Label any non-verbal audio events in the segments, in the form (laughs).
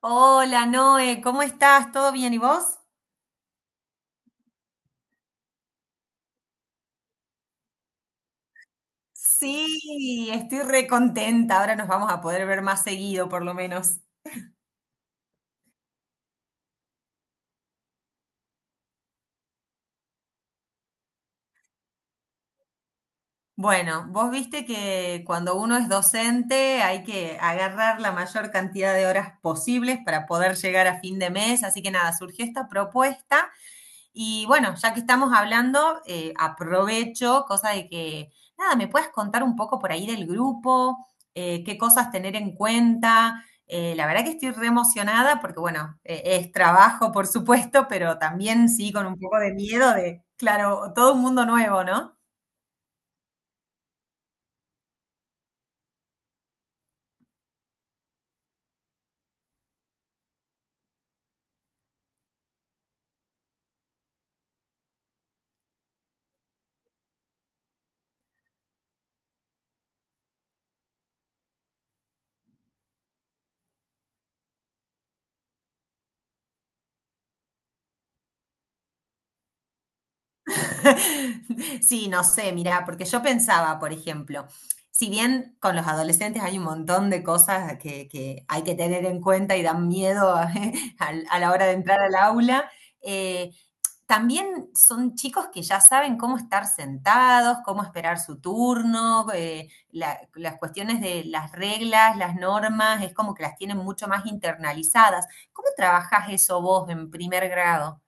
Hola Noé, ¿cómo estás? ¿Todo bien y vos? Sí, estoy re contenta. Ahora nos vamos a poder ver más seguido, por lo menos. Bueno, vos viste que cuando uno es docente hay que agarrar la mayor cantidad de horas posibles para poder llegar a fin de mes. Así que nada, surgió esta propuesta. Y bueno, ya que estamos hablando, aprovecho, cosa de que, nada, me puedes contar un poco por ahí del grupo. Qué cosas tener en cuenta. La verdad que estoy re emocionada porque, bueno, es trabajo, por supuesto, pero también sí con un poco de miedo de, claro, todo un mundo nuevo, ¿no? (laughs) Sí, no sé, mirá, porque yo pensaba, por ejemplo, si bien con los adolescentes hay un montón de cosas que hay que tener en cuenta y dan miedo (laughs) a la hora de entrar al aula, eh, también son chicos que ya saben cómo estar sentados, cómo esperar su turno, las cuestiones de las reglas, las normas, es como que las tienen mucho más internalizadas. ¿Cómo trabajás eso vos en primer grado?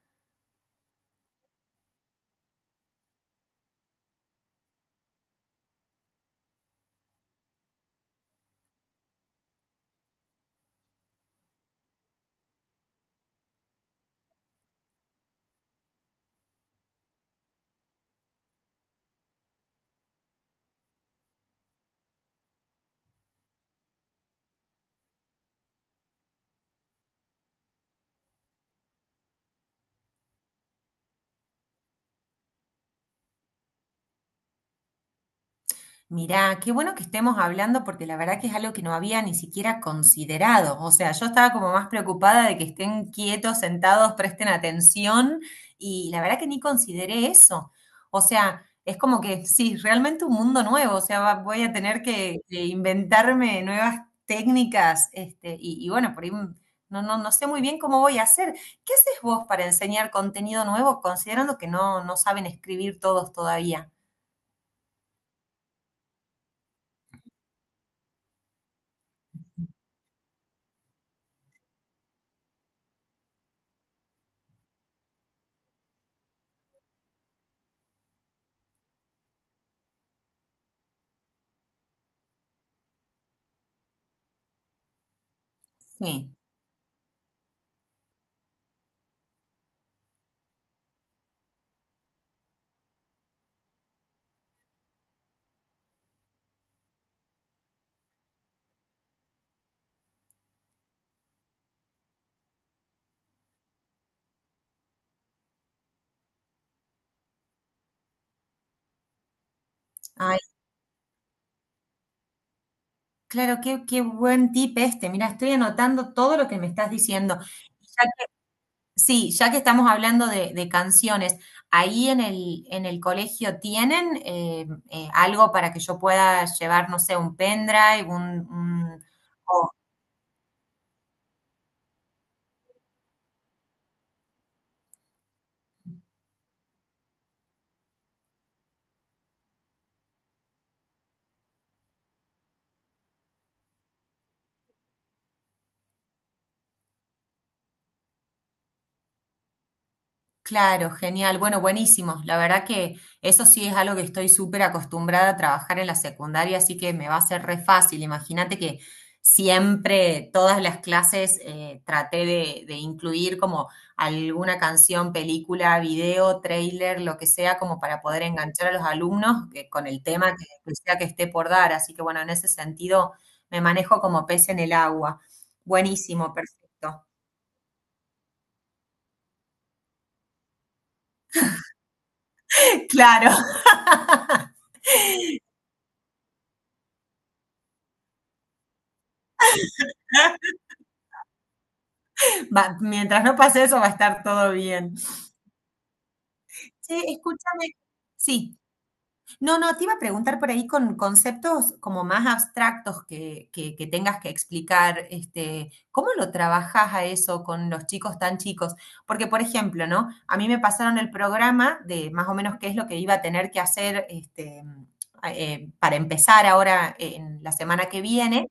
Mirá, qué bueno que estemos hablando porque la verdad que es algo que no había ni siquiera considerado. O sea, yo estaba como más preocupada de que estén quietos, sentados, presten atención, y la verdad que ni consideré eso. O sea, es como que sí, realmente un mundo nuevo. O sea, voy a tener que inventarme nuevas técnicas. Este, y bueno, por ahí no sé muy bien cómo voy a hacer. ¿Qué haces vos para enseñar contenido nuevo considerando que no saben escribir todos todavía? Sí. Claro, qué buen tip este. Mira, estoy anotando todo lo que me estás diciendo. Ya que- sí, ya que estamos hablando de canciones, ¿ahí en el colegio tienen algo para que yo pueda llevar, no sé, un pendrive, Claro, genial. Bueno, buenísimo. La verdad que eso sí es algo que estoy súper acostumbrada a trabajar en la secundaria, así que me va a ser re fácil. Imagínate que siempre todas las clases traté de incluir como alguna canción, película, video, trailer, lo que sea, como para poder enganchar a los alumnos con el tema que sea que esté por dar. Así que bueno, en ese sentido me manejo como pez en el agua. Buenísimo, perfecto. (laughs) Claro. (laughs) Mientras no pase eso, va a estar todo bien. Che, escúchame. Sí. No, no, te iba a preguntar por ahí con conceptos como más abstractos que tengas que explicar, este, ¿cómo lo trabajas a eso con los chicos tan chicos? Porque, por ejemplo, ¿no? A mí me pasaron el programa de más o menos qué es lo que iba a tener que hacer este, para empezar ahora en la semana que viene.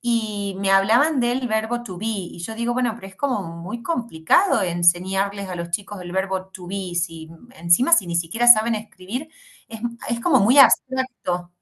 Y me hablaban del verbo to be, y yo digo, bueno, pero es como muy complicado enseñarles a los chicos el verbo to be, si encima si ni siquiera saben escribir, es, es como muy abstracto.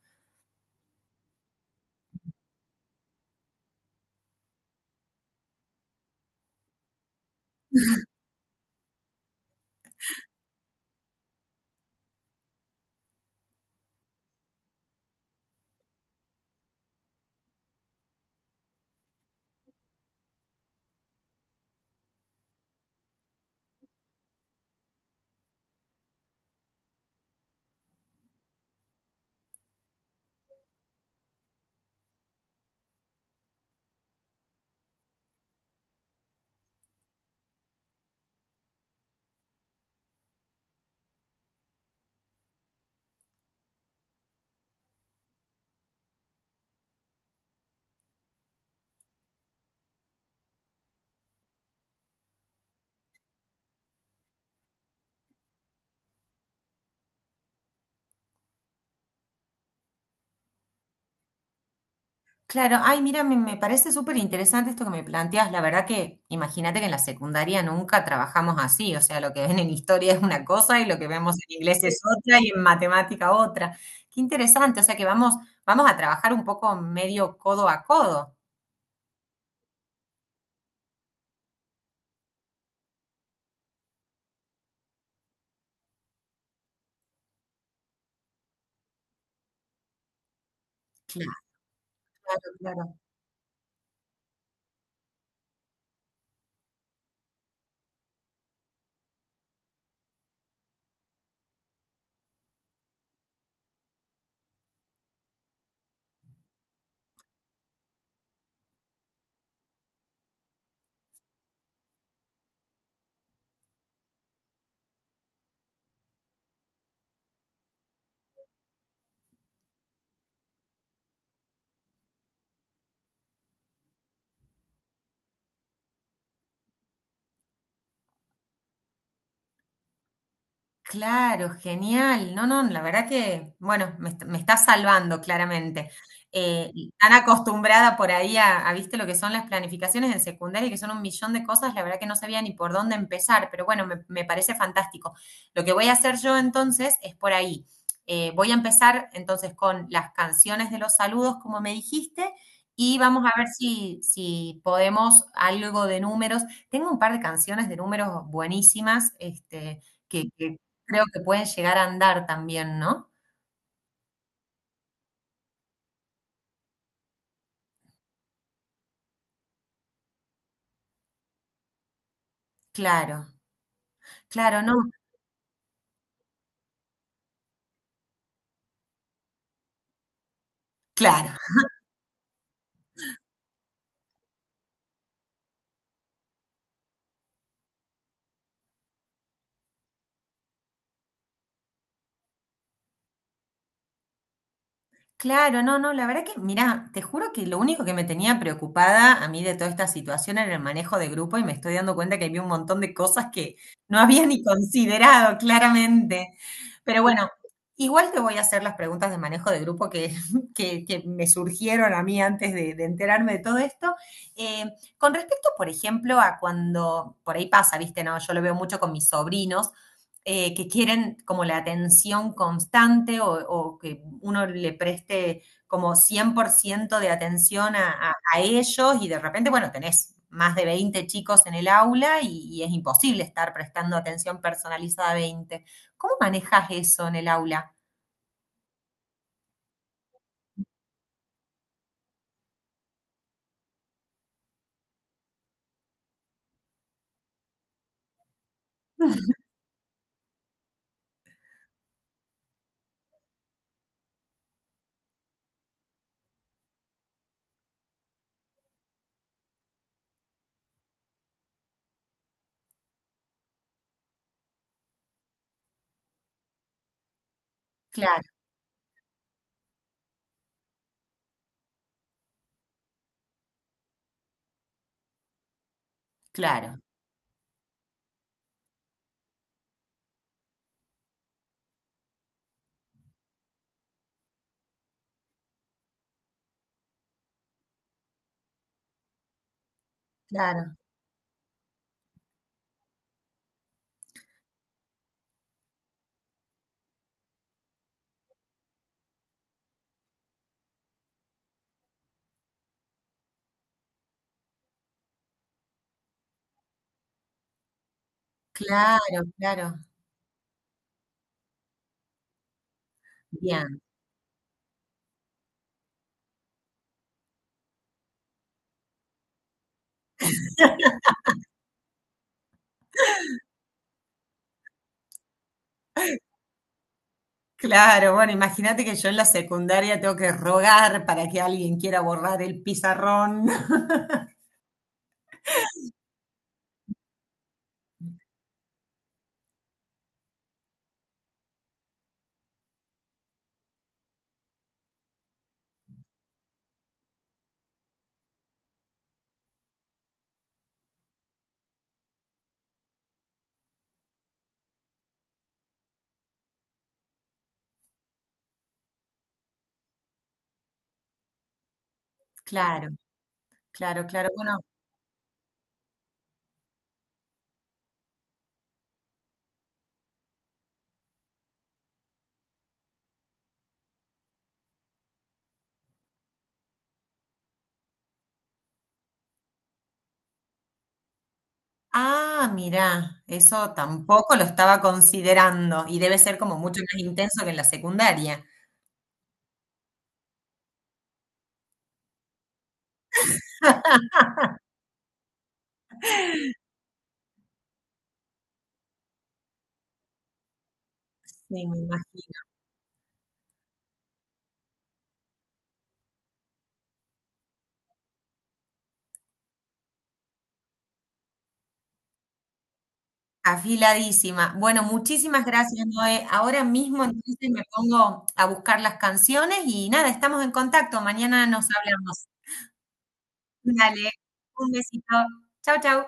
Claro, ay, mira, me parece súper interesante esto que me planteas. La verdad que imagínate que en la secundaria nunca trabajamos así, o sea, lo que ven en historia es una cosa y lo que vemos en inglés es otra y en matemática otra. Qué interesante, o sea que vamos a trabajar un poco medio codo a codo. Claro, claro. Claro, genial. No, no, la verdad que, bueno, me está salvando claramente. Y tan acostumbrada por ahí a, viste, lo que son las planificaciones en secundaria, que son un millón de cosas, la verdad que no sabía ni por dónde empezar, pero bueno, me parece fantástico. Lo que voy a hacer yo entonces es por ahí. Voy a empezar entonces con las canciones de los saludos, como me dijiste, y vamos a ver si podemos algo de números. Tengo un par de canciones de números buenísimas, este que, creo que pueden llegar a andar también, ¿no? Claro, claro, no, claro, claro, no, no, la verdad que, mirá, te juro que lo único que me tenía preocupada a mí de toda esta situación era el manejo de grupo y me estoy dando cuenta que había un montón de cosas que no había ni considerado, claramente. Pero bueno, igual te voy a hacer las preguntas de manejo de grupo que, (laughs) que me surgieron a mí antes de enterarme de todo esto. Eh, con respecto, por ejemplo, a cuando por ahí pasa, viste, no, yo lo veo mucho con mis sobrinos, que quieren como la atención constante o que uno le preste como 100% de atención a ellos y de repente, bueno, tenés más de 20 chicos en el aula y es imposible estar prestando atención personalizada a 20. ¿Cómo manejas eso en el aula? Claro, claro, claro, claro, claro. Bien, claro. Bueno, imagínate que yo en la secundaria tengo que rogar para que alguien quiera borrar el pizarrón. (laughs) Claro, claro, claro. Bueno. Ah, mirá, eso tampoco lo estaba considerando y debe ser como mucho más intenso que en la secundaria. Sí, me imagino. Afiladísima. Bueno, muchísimas gracias, Noé. Ahora mismo entonces me pongo a buscar las canciones y nada, estamos en contacto. Mañana nos hablamos. Dale, un besito. Chau, chau.